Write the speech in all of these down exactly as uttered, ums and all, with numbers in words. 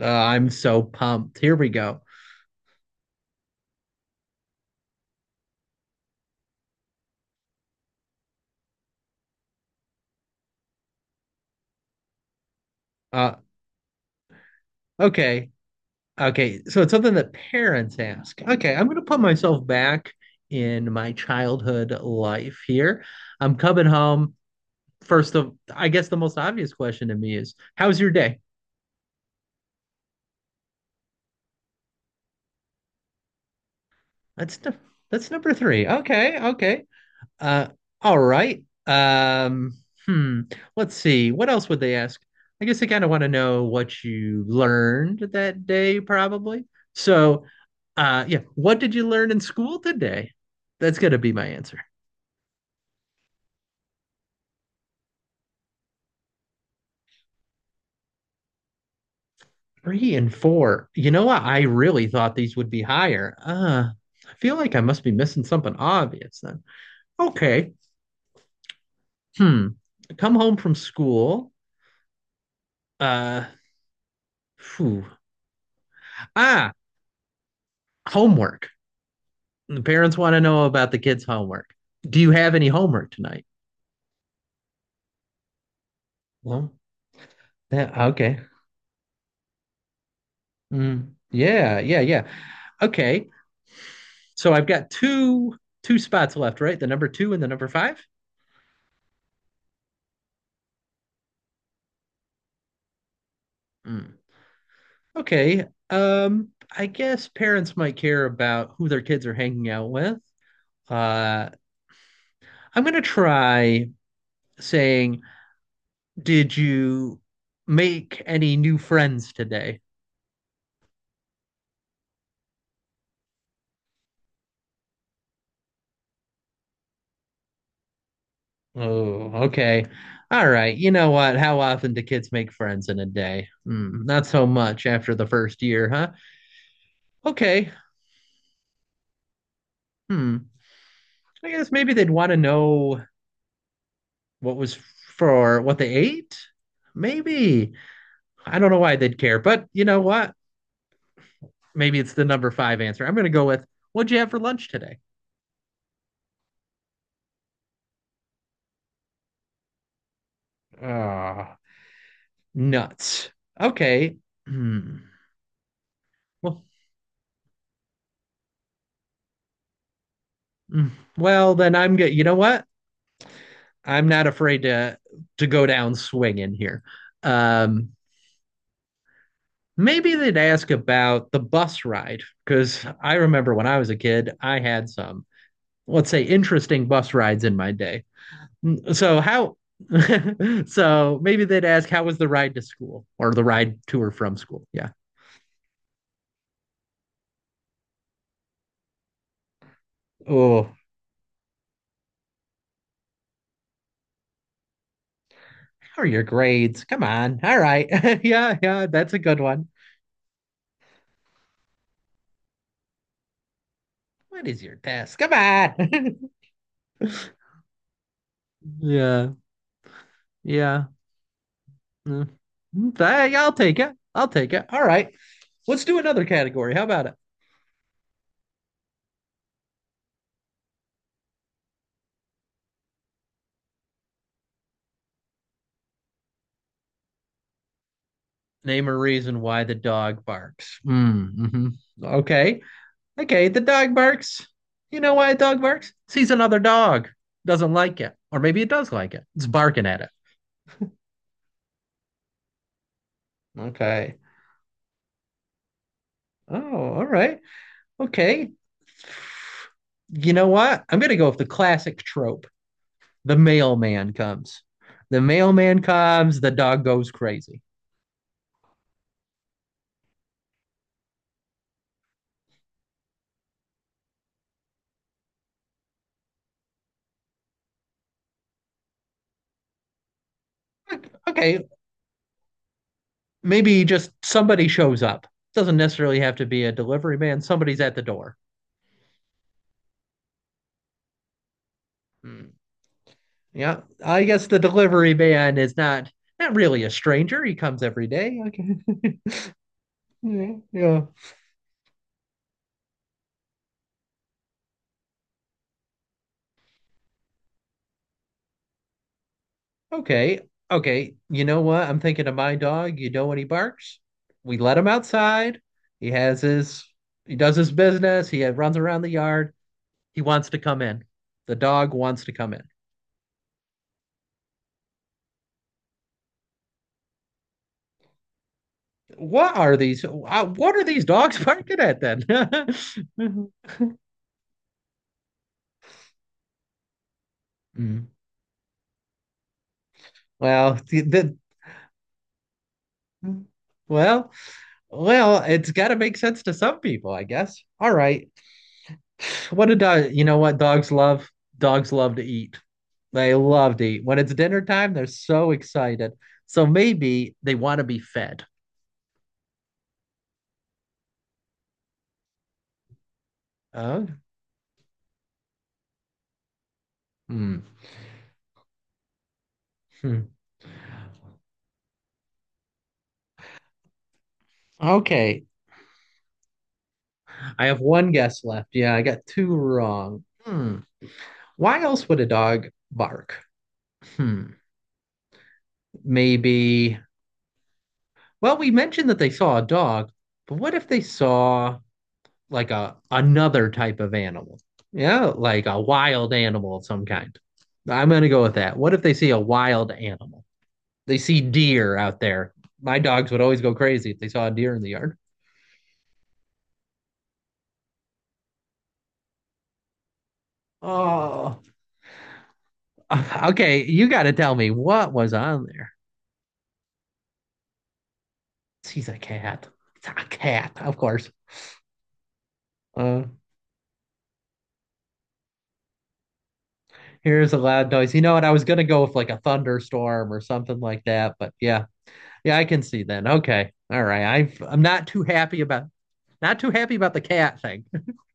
Uh, I'm so pumped. Here we go. Uh, okay. Okay. So it's something that parents ask. Okay. I'm going to put myself back in my childhood life here. I'm coming home. First of, I guess the most obvious question to me is, how's your day? That's the, that's number three. Okay. Okay. Uh, all right. Um, hmm. Let's see. What else would they ask? I guess they kind of want to know what you learned that day, probably. So, uh, yeah, what did you learn in school today? That's gonna be my answer. Three and four. You know what? I really thought these would be higher. Uh, I feel like I must be missing something obvious then. Okay. Hmm. Come home from school. Uh, phew. Ah, Homework. The parents want to know about the kids' homework. Do you have any homework tonight? Well, yeah, okay. Mm, yeah, yeah, yeah. Okay. So I've got two two spots left, right? The number two and the number five? Mm. Okay. Um, I guess parents might care about who their kids are hanging out with. Uh, I'm gonna try saying, "Did you make any new friends today?" Oh, okay. All right. You know what? How often do kids make friends in a day? Hmm, not so much after the first year, huh? Okay. Hmm. I guess maybe they'd want to know what was for what they ate. Maybe. I don't know why they'd care, but you know what? Maybe it's the number five answer. I'm going to go with what'd you have for lunch today? Ah, nuts. Okay. Hmm. Well, mm, well, then I'm good. You know what? I'm not afraid to to go down swinging here. Um, Maybe they'd ask about the bus ride because I remember when I was a kid, I had some, let's say, interesting bus rides in my day. So how? So maybe they'd ask how was the ride to school or the ride to or from school? Yeah. Oh, how are your grades? Come on. All right. Yeah, yeah, that's a good one. What is your test? Come on. Yeah. Yeah. Mm-hmm. Mm. Hey, yeah, I'll take it. I'll take it. All right. Let's do another category. How about it? Name a reason why the dog barks. Mm, hmm. Okay. Okay. The dog barks. You know why a dog barks? Sees another dog, doesn't like it. Or maybe it does like it. It's barking at it. Okay. Oh, all right. Okay. You know what? I'm going to go with the classic trope. The mailman comes. The mailman comes, the dog goes crazy. Okay, maybe just somebody shows up. Doesn't necessarily have to be a delivery man. Somebody's at the door. Hmm. Yeah, I guess the delivery man is not not really a stranger. He comes every day. Okay. Yeah, yeah. Okay. Okay. You know what? I'm thinking of my dog. You know when he barks? We let him outside. He has his he does his business. He runs around the yard. He wants to come in. The dog wants to come in. What are these? uh, What are these dogs barking at then? Mm. Well, the, the- well, well, it's got to make sense to some people, I guess. All right. What a dog, you know what dogs love? Dogs love to eat. They love to eat. When it's dinner time, they're so excited. So maybe they want to be fed. Oh, hmm. Hmm. Okay. I have one guess left. Yeah, I got two wrong. Hmm. Why else would a dog bark? Hmm. Maybe. Well, we mentioned that they saw a dog, but what if they saw like a another type of animal. Yeah, like a wild animal of some kind. I'm gonna go with that. What if they see a wild animal? They see deer out there. My dogs would always go crazy if they saw a deer in the yard. Oh, okay. You got to tell me what was on there. She's a cat. It's a cat, of course. Uh, Here's a loud noise. You know what? I was gonna go with like a thunderstorm or something like that, but yeah, yeah, I can see that. Okay, all right. I've, I'm not too happy about, not too happy about the cat thing.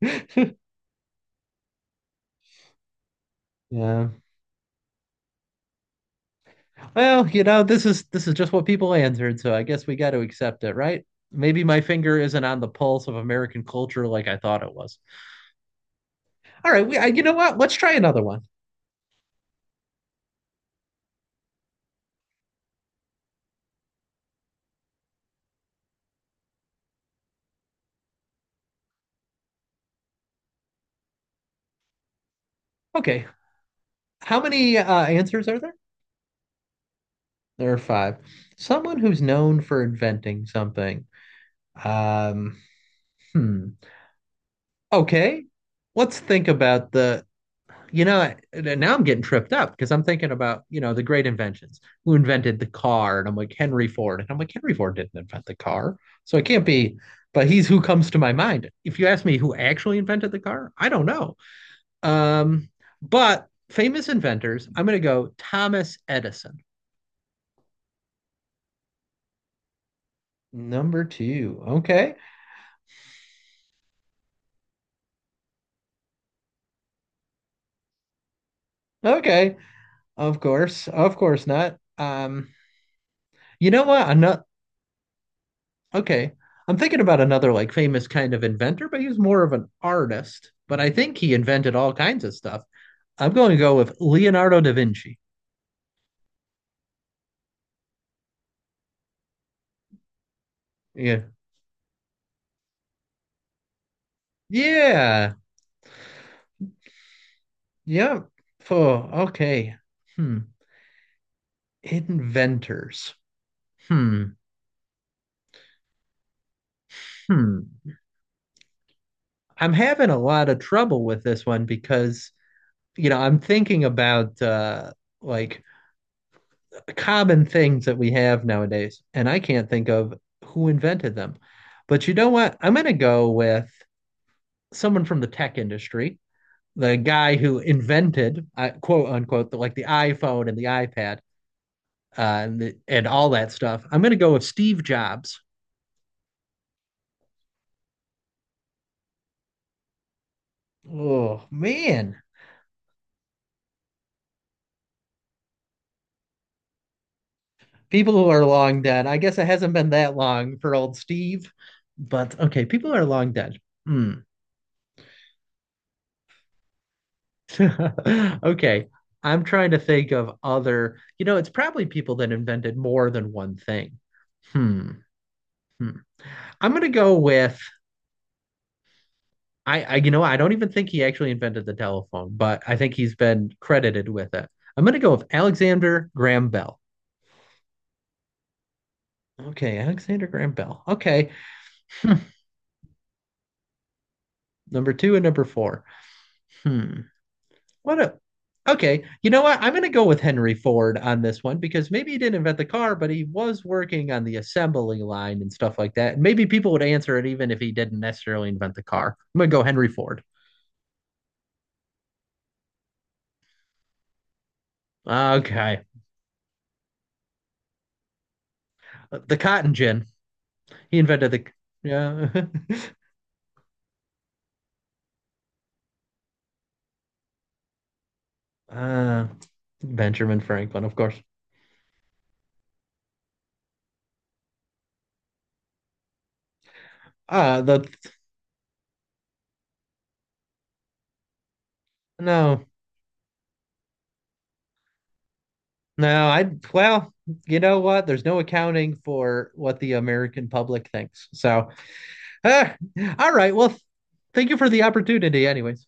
Yeah. Well, you know, this is this is just what people answered, so I guess we got to accept it, right? Maybe my finger isn't on the pulse of American culture like I thought it was. All right, we, I, you know what? Let's try another one. Okay, how many uh, answers are there? There are five. Someone who's known for inventing something. Um, hmm. Okay, let's think about the you know, now I'm getting tripped up because I'm thinking about, you know, the great inventions, who invented the car. And I'm like, Henry Ford. And I'm like, Henry Ford didn't invent the car. So it can't be, but he's who comes to my mind. If you ask me who actually invented the car, I don't know. Um, but famous inventors, I'm going to go Thomas Edison, number two. Okay. Okay. Of course. Of course not. Um, you know what? Ano- Okay. I'm thinking about another like famous kind of inventor, but he was more of an artist. But I think he invented all kinds of stuff. I'm going to go with Leonardo da Vinci. Yeah. Yeah. Yep. Oh, okay. Hmm. Inventors. Hmm. Hmm. I'm having a lot of trouble with this one because, you know, I'm thinking about uh like common things that we have nowadays, and I can't think of who invented them. But you know what? I'm going to go with someone from the tech industry, the guy who invented uh, quote unquote the, like the iPhone and the iPad uh, and the, and all that stuff. I'm gonna go with Steve Jobs. Oh man, people who are long dead. I guess it hasn't been that long for old Steve, but okay, people are long dead. Hmm. Okay, I'm trying to think of other. You know, it's probably people that invented more than one thing. Hmm. Hmm. I'm gonna go with I, I, you know, I don't even think he actually invented the telephone, but I think he's been credited with it. I'm going to go with Alexander Graham Bell. Okay, Alexander Graham Bell. Okay. Hmm. Number two and number four. Hmm. What a. Okay, you know what? I'm going to go with Henry Ford on this one because maybe he didn't invent the car, but he was working on the assembly line and stuff like that. Maybe people would answer it even if he didn't necessarily invent the car. I'm going to go Henry Ford. Okay, the cotton gin. He invented the. Yeah. Uh, Benjamin Franklin, of course. Uh, the no, No, I well, you know what? There's no accounting for what the American public thinks. So, ah, all right. Well, thank you for the opportunity, anyways.